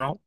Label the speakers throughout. Speaker 1: No,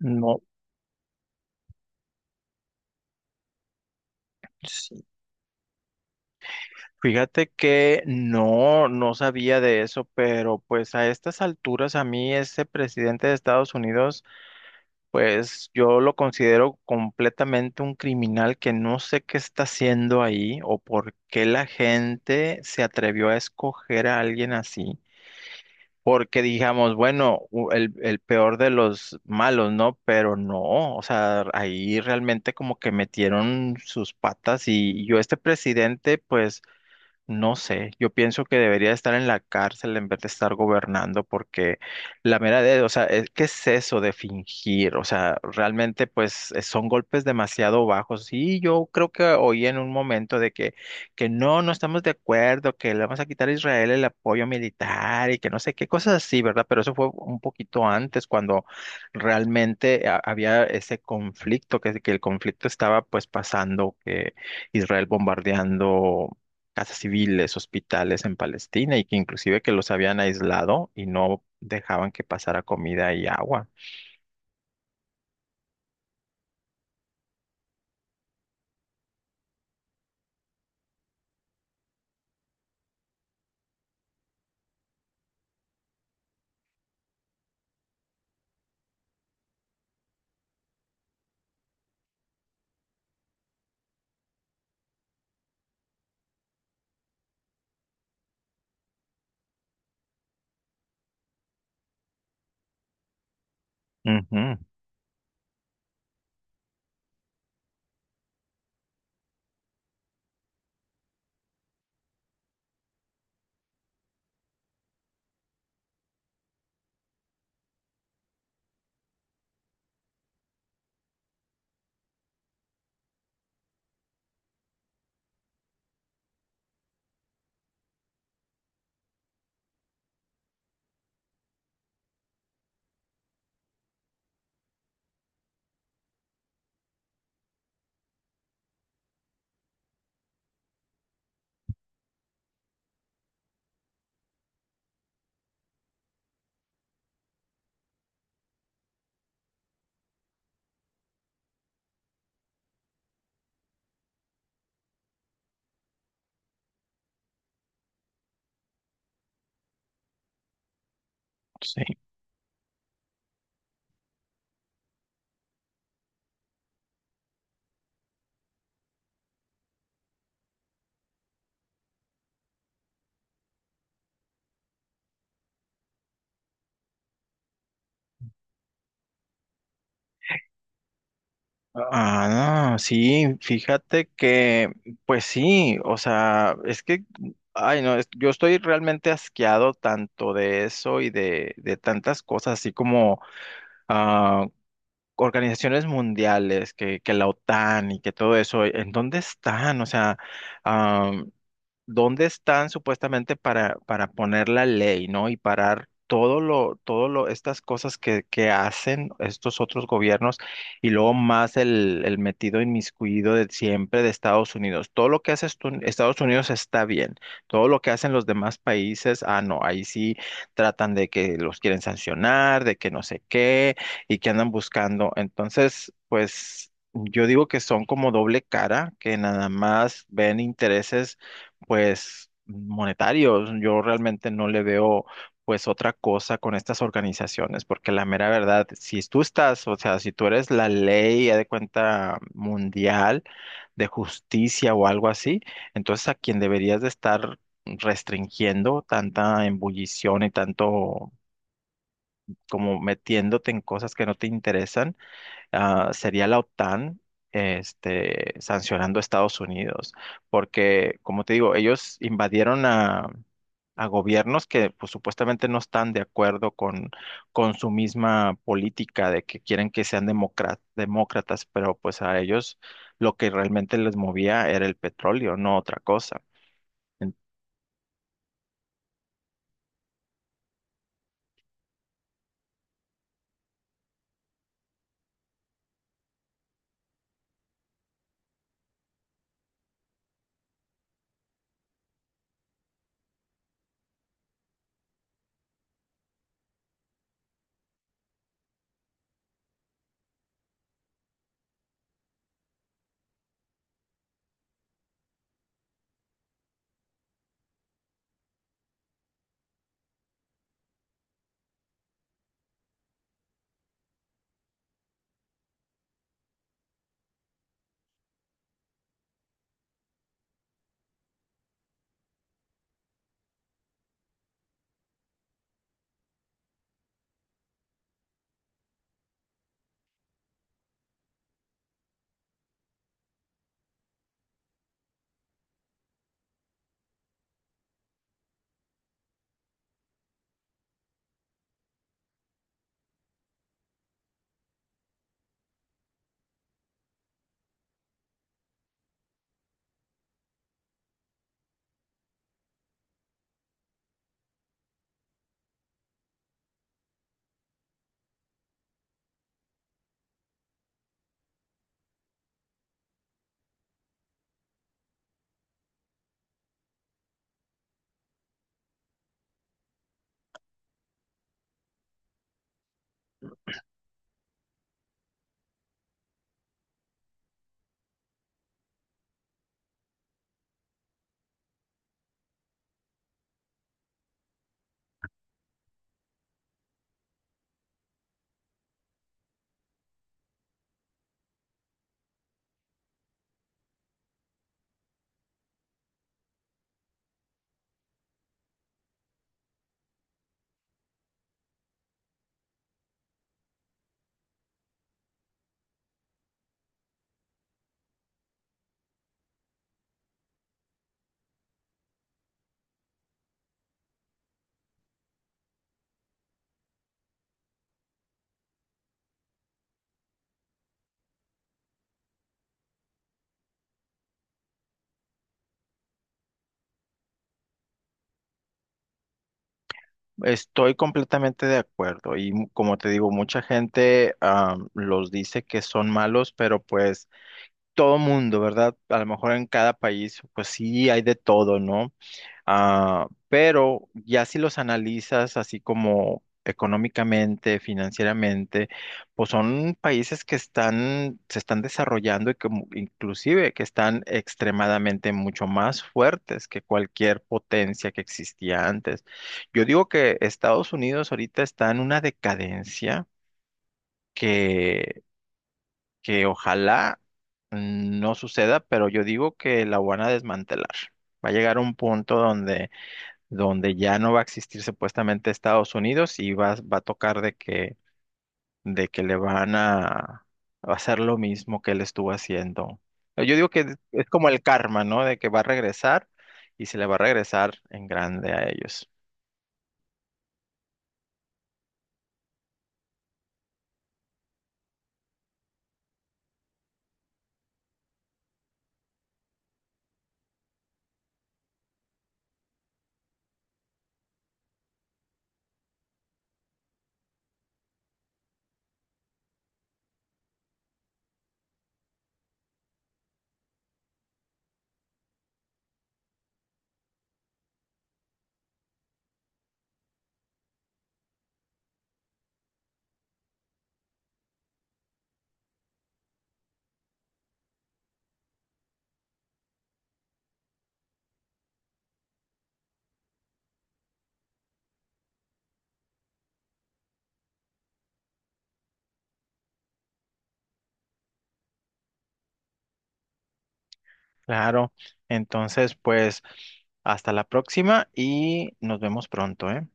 Speaker 1: no, sí. Fíjate que no, no sabía de eso, pero pues a estas alturas a mí ese presidente de Estados Unidos, pues yo lo considero completamente un criminal que no sé qué está haciendo ahí o por qué la gente se atrevió a escoger a alguien así. Porque digamos, bueno, el peor de los malos, ¿no? Pero no, o sea, ahí realmente como que metieron sus patas y yo este presidente, pues... No sé, yo pienso que debería estar en la cárcel en vez de estar gobernando, porque la mera de, o sea, es- ¿qué es eso de fingir? O sea, realmente pues son golpes demasiado bajos. Y yo creo que oí en un momento de que no, no estamos de acuerdo, que le vamos a quitar a Israel el apoyo militar y que no sé qué cosas así, ¿verdad? Pero eso fue un poquito antes, cuando realmente había ese conflicto, que el conflicto estaba pues pasando, que Israel bombardeando casas civiles, hospitales en Palestina y que inclusive que los habían aislado y no dejaban que pasara comida y agua. Ujú, sí. Ah, no, sí, fíjate que, pues sí, o sea, es que, ay, no, es- yo estoy realmente asqueado tanto de eso y de tantas cosas, así como ah, organizaciones mundiales, que la OTAN y que todo eso, ¿en dónde están? O sea, dónde están supuestamente para poner la ley, ¿no? Y parar todo lo, estas cosas que hacen estos otros gobiernos y luego más el metido inmiscuido de siempre de Estados Unidos. Todo lo que hace Estados Unidos está bien. Todo lo que hacen los demás países, ah, no, ahí sí tratan de que los quieren sancionar, de que no sé qué y que andan buscando. Entonces, pues... Yo digo que son como doble cara, que nada más ven intereses pues monetarios. Yo realmente no le veo pues otra cosa con estas organizaciones, porque la mera verdad, si tú estás, o sea, si tú eres la ley, haz de cuenta, mundial de justicia o algo así, entonces a quien deberías de estar restringiendo tanta embullición y tanto como metiéndote en cosas que no te interesan sería la OTAN este, sancionando a Estados Unidos, porque, como te digo, ellos invadieron a gobiernos que pues, supuestamente no están de acuerdo con su misma política de que quieren que sean demócratas, pero pues a ellos lo que realmente les movía era el petróleo, no otra cosa. En- Estoy completamente de acuerdo y como te digo, mucha gente los dice que son malos, pero pues todo mundo, ¿verdad? A lo mejor en cada país, pues sí hay de todo, ¿no? Ah, pero ya si los analizas así como económicamente, financieramente, pues son países que están, se están desarrollando y que inclusive que están extremadamente mucho más fuertes que cualquier potencia que existía antes. Yo digo que Estados Unidos ahorita está en una decadencia. Que que ojalá no suceda, pero yo digo que la van a desmantelar. Va a llegar un punto donde, donde ya no va a existir supuestamente Estados Unidos y va, va a tocar de que le van a hacer lo mismo que él estuvo haciendo. Yo digo que es como el karma, ¿no? De que va a regresar y se le va a regresar en grande a ellos. Claro. Entonces, pues, hasta la próxima y nos vemos pronto, ¿eh?